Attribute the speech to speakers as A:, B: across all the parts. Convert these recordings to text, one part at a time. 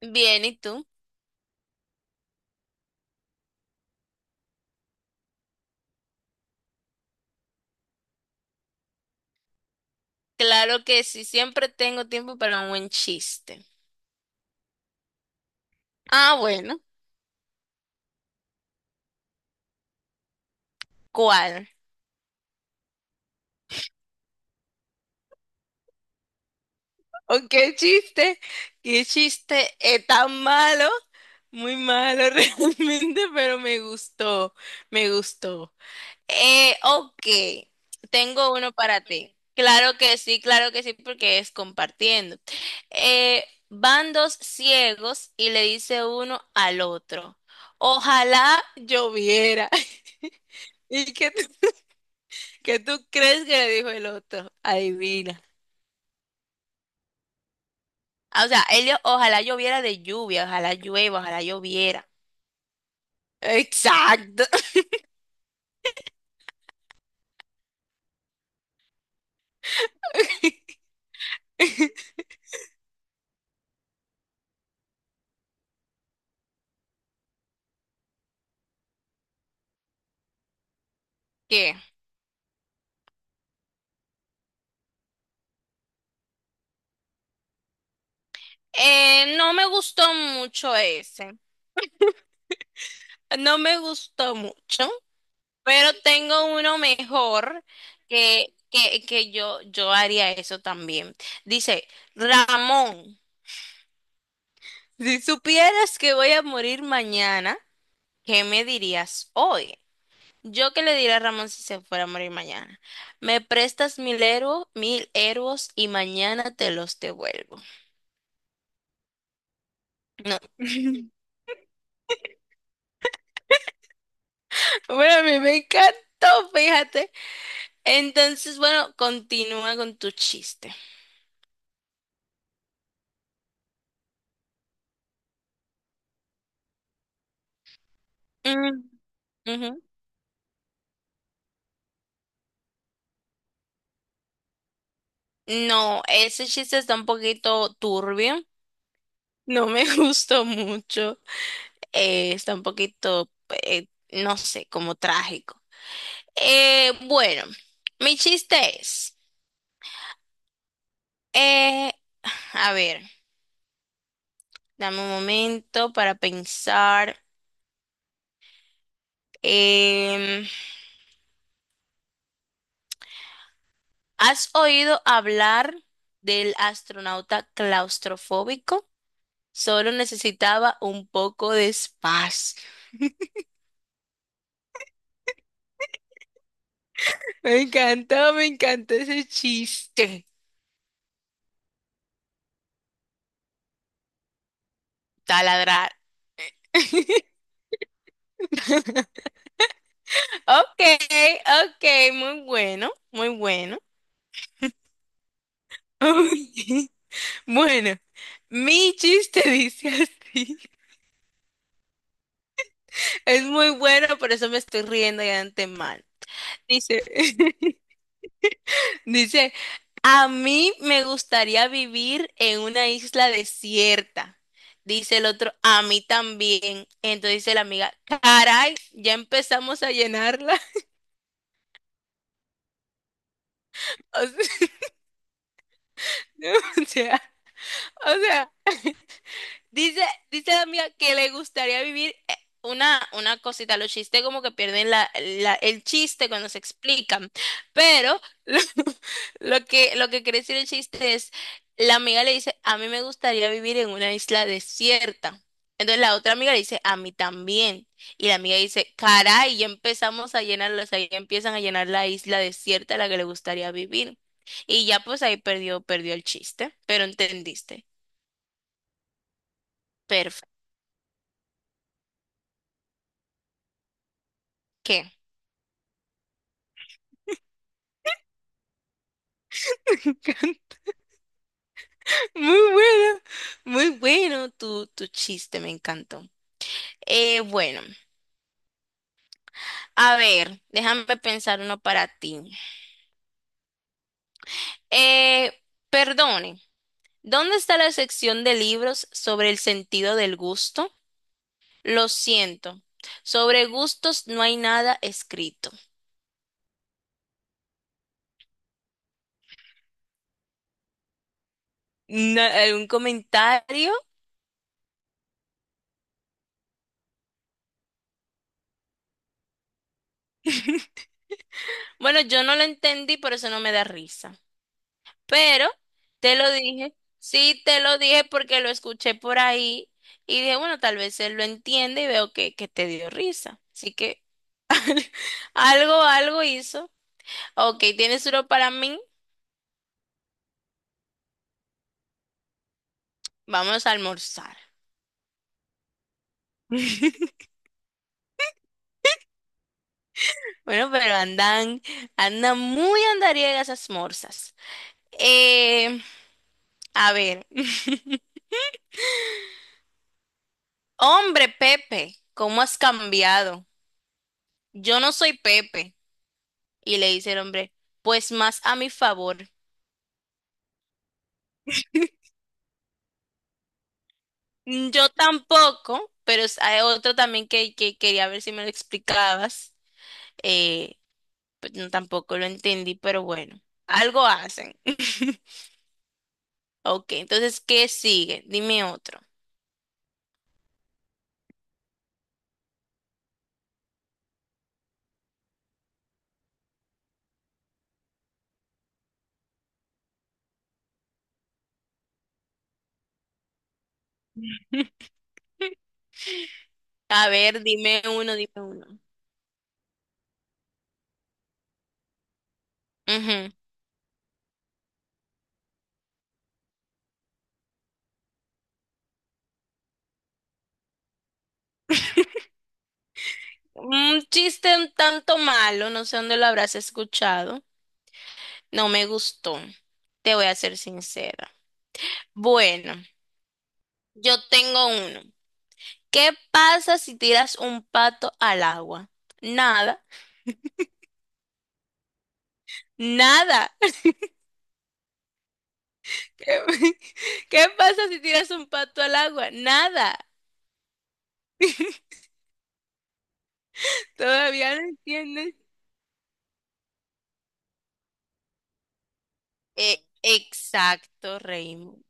A: Bien, ¿y tú? Claro que sí, siempre tengo tiempo para un buen chiste. Ah, bueno, ¿cuál? ¿O qué chiste? ¿Qué chiste es tan malo? Muy malo realmente, pero me gustó, me gustó. Ok, tengo uno para ti. Claro que sí, porque es compartiendo. Eh, Van dos ciegos y le dice uno al otro, ojalá lloviera. ¿Y qué tú, qué tú crees que le dijo el otro? Adivina. Ah, o sea, él, dijo, ojalá lloviera de lluvia, ojalá llueva, ojalá lloviera. Exacto. ¿Qué? No me gustó mucho ese. No me gustó mucho, pero tengo uno mejor que, que yo haría eso también. Dice, Ramón, si supieras que voy a morir mañana, ¿qué me dirías hoy? Yo qué le diré a Ramón si se fuera a morir mañana. Me prestas 1000 euros, 1000 euros y mañana te los devuelvo. No. Bueno, a mí me encantó, fíjate. Entonces, bueno, continúa con tu chiste. Mm, ujú. No, ese chiste está un poquito turbio. No me gustó mucho. Está un poquito, no sé, como trágico. Bueno, mi chiste es, eh, a ver. Dame un momento para pensar. Em, ¿Has oído hablar del astronauta claustrofóbico? Solo necesitaba un poco de espacio. Me encantó ese chiste. Taladrar. Ok, ok, muy bueno, muy bueno. Bueno, mi chiste dice así. Es muy bueno, por eso me estoy riendo ya de antemano. Dice, dice, a mí me gustaría vivir en una isla desierta. Dice el otro, a mí también. Entonces dice la amiga, caray, ya empezamos a llenarla. O sea, o sea, o sea. Dice, dice la amiga que le gustaría vivir una cosita. Los chistes como que pierden el chiste cuando se explican. Pero lo, lo que quiere decir el chiste es, la amiga le dice, a mí me gustaría vivir en una isla desierta. Entonces la otra amiga le dice, a mí también. Y la amiga dice, caray, ya empezamos a llenarla, o sea, ya empiezan a llenar la isla desierta a la que le gustaría vivir. Y ya pues ahí perdió, perdió el chiste, pero entendiste. Perfecto. ¿Qué? Muy bueno, muy bueno tu chiste, me encantó. Bueno, a ver, déjame pensar uno para ti. Eh, Perdone, ¿dónde está la sección de libros sobre el sentido del gusto? Lo siento, sobre gustos no hay nada escrito. ¿Algún comentario? Bueno, yo no lo entendí, por eso no me da risa. Pero te lo dije, sí te lo dije porque lo escuché por ahí y dije, bueno, tal vez él lo entiende y veo que te dio risa. Así que algo, algo hizo. Ok, tienes uno para mí, vamos a almorzar. Bueno, pero andan, andan muy andariegas esas morsas. Eh, a ver, hombre Pepe, ¿cómo has cambiado? Yo no soy Pepe. Y le dice el hombre, pues más a mi favor. Mm, yo tampoco, pero hay otro también que quería ver si me lo explicabas. Eh, pues no, tampoco lo entendí, pero bueno, algo hacen. Ok, entonces, ¿qué sigue? Dime otro. A ver, dime uno, dime uno. Ujú. Un chiste un tanto malo, no sé dónde lo habrás escuchado. No me gustó, te voy a ser sincera. Bueno, yo tengo uno. ¿Qué pasa si tiras un pato al agua? Nada. Nada. ¿Qué, qué pasa si tiras un pato al agua? Nada. ¿Todavía no entiendes? Exacto, Raymond.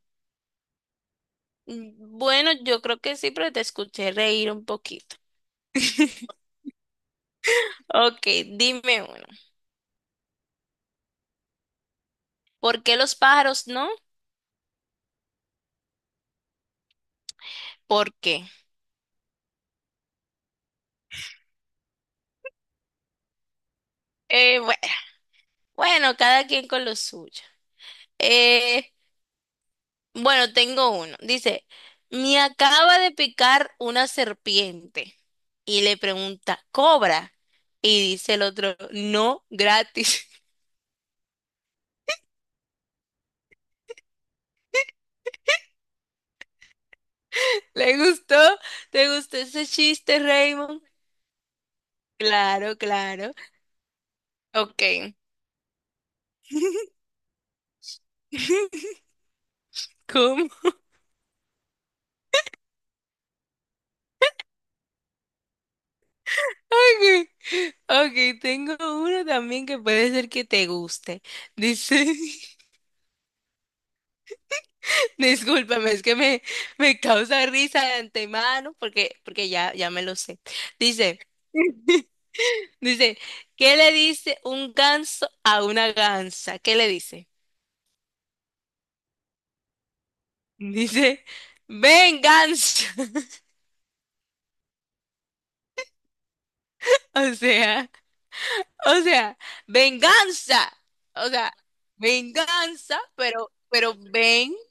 A: Mm, bueno, yo creo que sí, pero te escuché reír un poquito. Ok, dime uno. ¿Por qué los pájaros no? ¿Por qué? Eh, bue- bueno, cada quien con lo suyo. Eh, Bueno, tengo uno. Dice, me acaba de picar una serpiente. Y le pregunta, ¿cobra? Y dice el otro, no, gratis. ¿Le gustó? ¿Te gustó ese chiste, Raymond? Claro, claro. Ok. ¿Cómo? Ok, ok, tengo uno también que puede ser que te guste. Dice, discúlpame, es que me causa risa de antemano porque, porque ya, ya me lo sé. Dice, dice, ¿qué le dice un ganso a una gansa? ¿Qué le dice? Dice, venganza. O sea, o sea, venganza. O sea, venganza, pero venganza.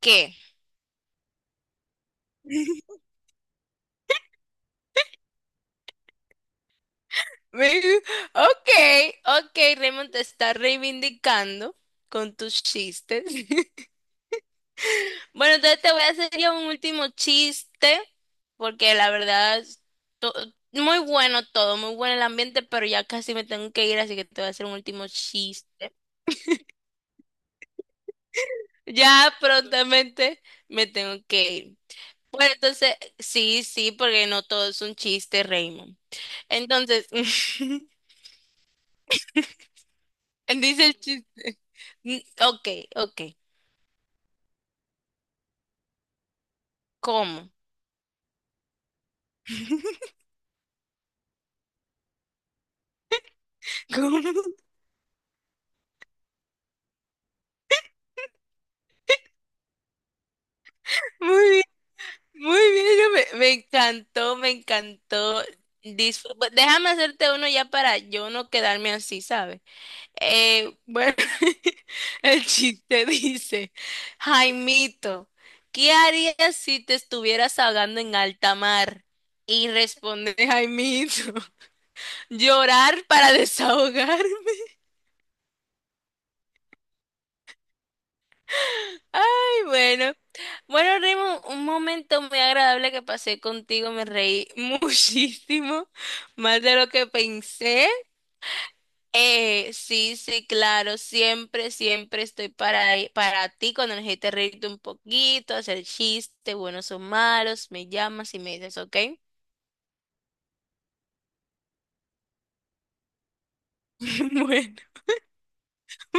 A: ¿Qué? Ve- ok, okay, Raymond te está reivindicando con tus chistes. Bueno, entonces te voy a hacer ya un último chiste, porque la verdad, to- muy bueno todo, muy bueno el ambiente, pero ya casi me tengo que ir, así que te voy a hacer un último chiste. Ya prontamente me tengo que ir. Bueno, entonces, sí, sí, porque no todo es un chiste, Raymond. Entonces, dice el chiste. Mm, ok, ok. ¿Cómo? ¿Cómo? Muy bien, muy bien, yo me, me encantó, me encantó. Déjame hacerte uno ya para yo no quedarme así, ¿sabes? Bueno, el chiste dice, Jaimito, ¿qué harías si te estuvieras ahogando en alta mar? Y responde Jaimito, llorar para desahogarme. Ay, bueno. Bueno, Rimo, un momento muy agradable que pasé contigo. Me reí muchísimo, más de lo que pensé. Sí, sí, claro. Siempre, siempre estoy para ti cuando necesites reírte un poquito, hacer chistes, buenos o malos. Me llamas y me dices, ¿ok? Bueno.